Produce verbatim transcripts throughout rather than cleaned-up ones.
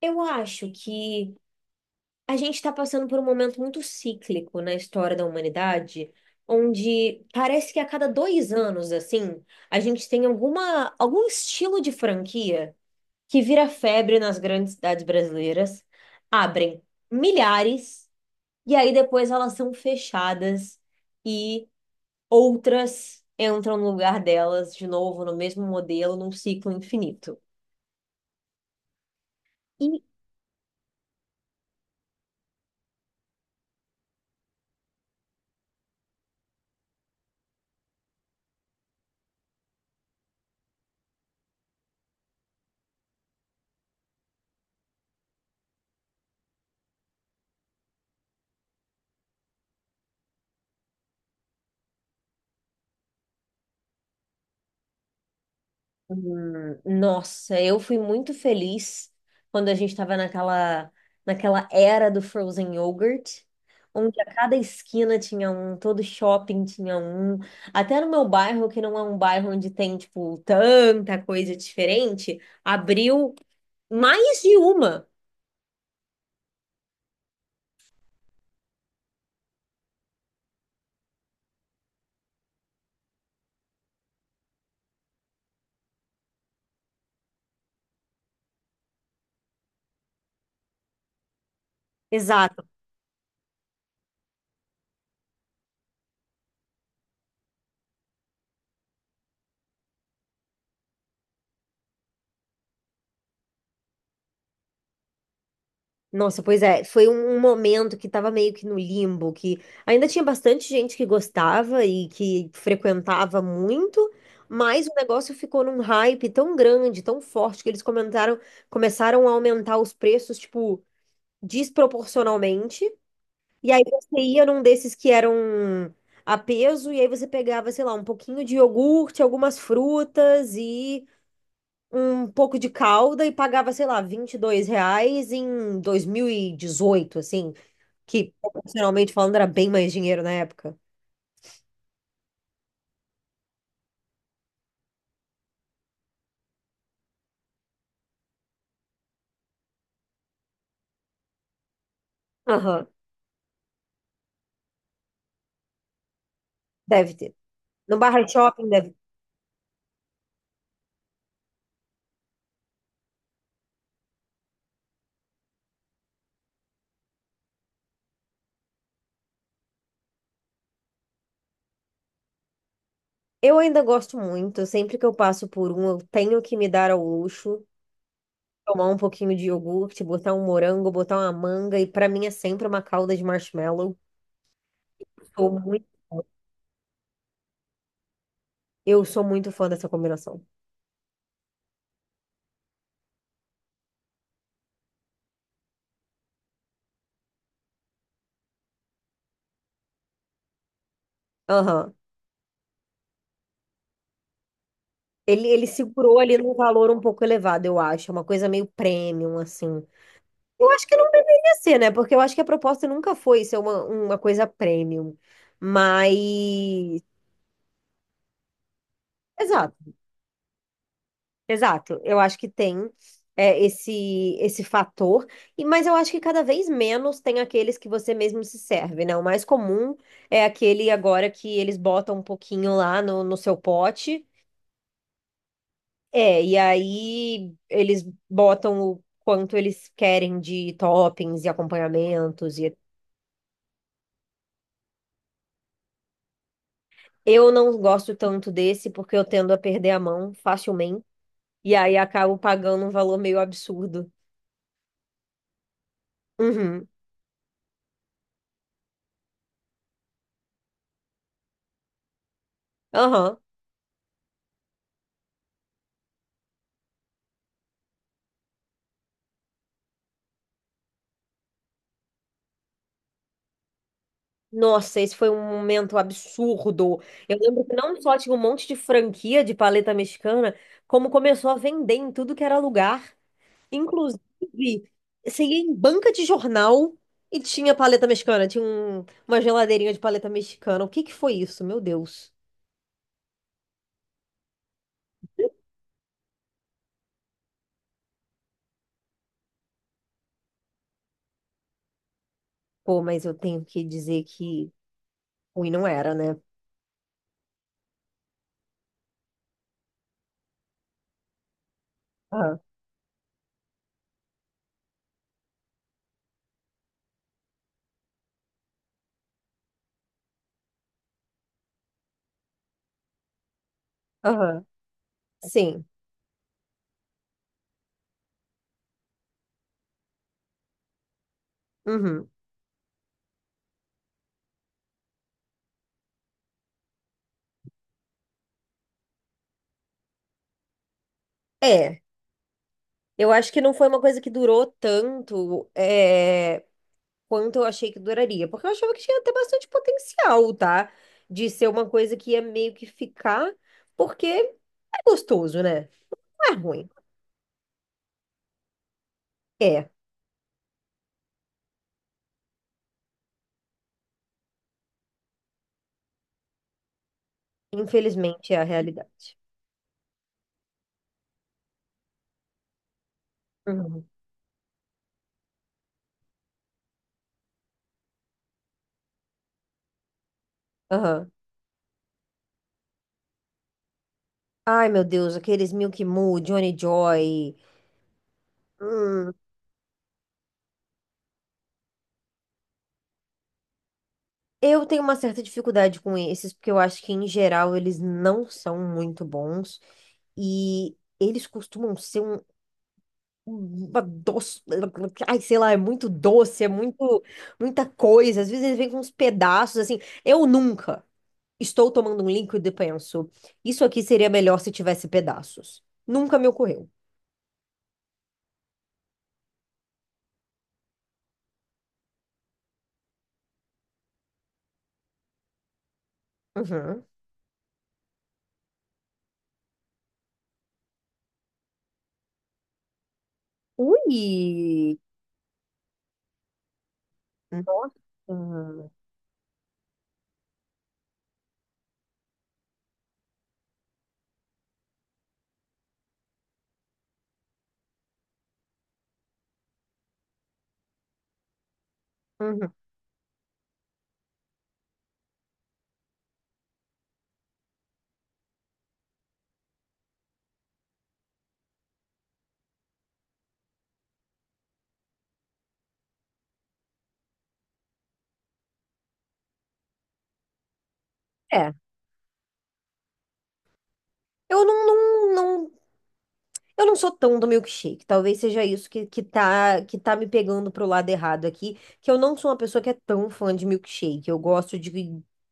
Eu acho que a gente está passando por um momento muito cíclico na história da humanidade, onde parece que a cada dois anos, assim, a gente tem alguma, algum estilo de franquia que vira febre nas grandes cidades brasileiras, abrem milhares, e aí depois elas são fechadas e outras entram no lugar delas de novo, no mesmo modelo, num ciclo infinito. Hum, Nossa, eu fui muito feliz quando a gente estava naquela, naquela era do frozen yogurt, onde a cada esquina tinha um, todo shopping tinha um. Até no meu bairro, que não é um bairro onde tem, tipo, tanta coisa diferente, abriu mais de uma. Exato. Nossa, pois é, foi um um momento que tava meio que no limbo, que ainda tinha bastante gente que gostava e que frequentava muito, mas o negócio ficou num hype tão grande, tão forte, que eles comentaram, começaram a aumentar os preços, tipo, desproporcionalmente. E aí você ia num desses que eram a peso, e aí você pegava, sei lá, um pouquinho de iogurte, algumas frutas e um pouco de calda e pagava, sei lá, vinte e dois reais em dois mil e dezoito assim, que proporcionalmente falando era bem mais dinheiro na época. Aham, deve ter. No Barra Shopping deve. Eu ainda gosto muito, sempre que eu passo por um, eu tenho que me dar ao luxo, tomar um pouquinho de iogurte, botar um morango, botar uma manga, e pra mim é sempre uma calda de marshmallow. Sou muito, eu sou muito fã dessa combinação. Aham. Ele, ele segurou ali num valor um pouco elevado, eu acho. É uma coisa meio premium, assim. Eu acho que não deveria ser, né? Porque eu acho que a proposta nunca foi ser uma, uma coisa premium. Mas. Exato, exato. Eu acho que tem é, esse esse fator. E, mas eu acho que cada vez menos tem aqueles que você mesmo se serve, né? O mais comum é aquele agora que eles botam um pouquinho lá no, no seu pote. É, e aí eles botam o quanto eles querem de toppings e acompanhamentos e eu não gosto tanto desse porque eu tendo a perder a mão facilmente. E aí acabo pagando um valor meio absurdo. Uhum. Aham. Nossa, esse foi um momento absurdo. Eu lembro que não só tinha um monte de franquia de paleta mexicana, como começou a vender em tudo que era lugar. Inclusive, você ia em banca de jornal e tinha paleta mexicana. Tinha um- uma geladeirinha de paleta mexicana. O que que foi isso? Meu Deus. Pô, mas eu tenho que dizer que ruim não era, né? Aham, sim. Uhum. É, eu acho que não foi uma coisa que durou tanto é, quanto eu achei que duraria, porque eu achava que tinha até bastante potencial, tá? De ser uma coisa que ia meio que ficar, porque é gostoso, né? Não é ruim. É, infelizmente é a realidade. Uhum. Aham. Ai, meu Deus, aqueles Milk Mu, Johnny Joy. Hum, eu tenho uma certa dificuldade com esses, porque eu acho que, em geral, eles não são muito bons. E eles costumam ser um, uma doce. Ai, sei lá, é muito doce, é muito, muita coisa. Às vezes eles vêm com uns pedaços, assim. Eu nunca estou tomando um líquido e penso, isso aqui seria melhor se tivesse pedaços. Nunca me ocorreu. Uhum. Ui! Nossa! Uhum. É. Eu não, não, Eu não sou tão do milkshake. Talvez seja isso que, que tá, que tá me pegando pro lado errado aqui, que eu não sou uma pessoa que é tão fã de milkshake. Eu gosto de,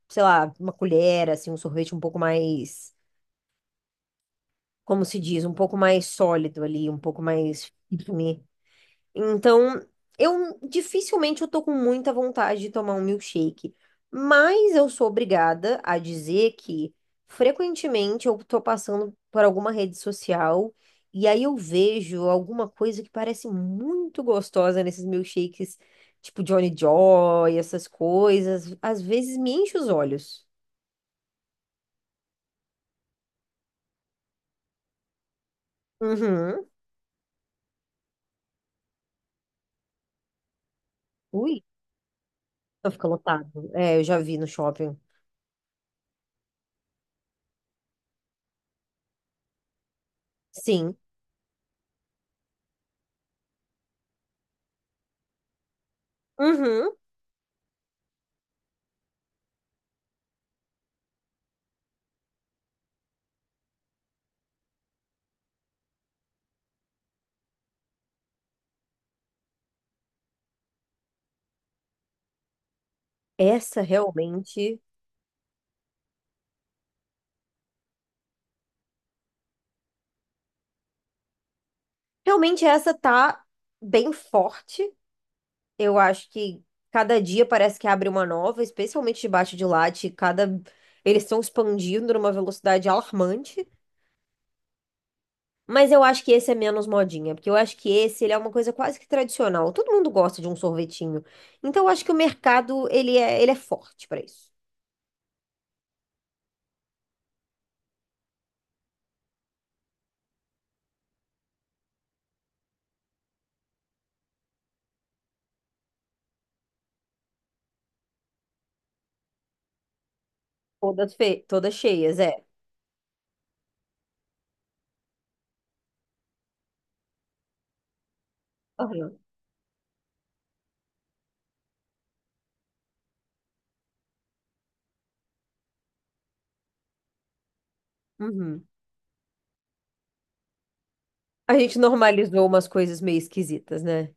sei lá, uma colher, assim, um sorvete um pouco mais, como se diz, um pouco mais sólido ali, um pouco mais firme. Então, eu dificilmente eu tô com muita vontade de tomar um milkshake, mas eu sou obrigada a dizer que frequentemente eu tô passando por alguma rede social e aí eu vejo alguma coisa que parece muito gostosa nesses milkshakes, tipo Johnny Joy, essas coisas, às vezes me enche os olhos. Uhum. Ui, só fica lotado. É, eu já vi no shopping. Sim. Uhum. Essa realmente Realmente essa tá bem forte. Eu acho que cada dia parece que abre uma nova, especialmente debaixo de latte, cada eles estão expandindo numa velocidade alarmante. Mas eu acho que esse é menos modinha, porque eu acho que esse ele é uma coisa quase que tradicional. Todo mundo gosta de um sorvetinho. Então eu acho que o mercado ele é ele é forte pra isso. Todas fe... todas cheias, é. Aham. Uhum. A gente normalizou umas coisas meio esquisitas, né?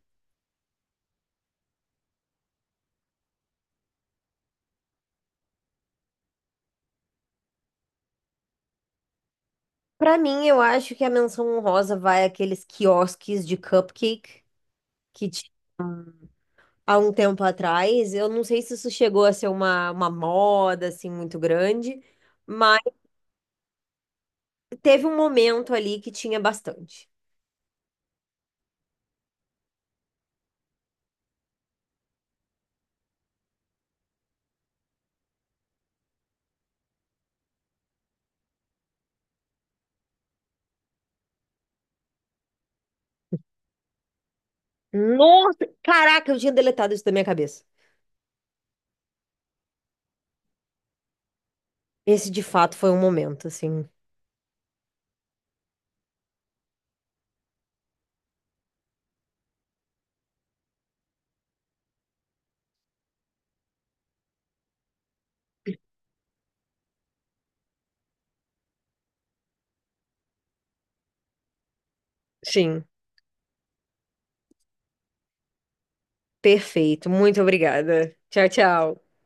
Pra mim, eu acho que a menção honrosa vai àqueles quiosques de cupcake que ti- há um tempo atrás, eu não sei se isso chegou a ser uma, uma moda assim muito grande, mas teve um momento ali que tinha bastante. Nossa, caraca, eu tinha deletado isso da minha cabeça. Esse de fato foi um momento assim. Sim, perfeito. Muito obrigada. Tchau, tchau.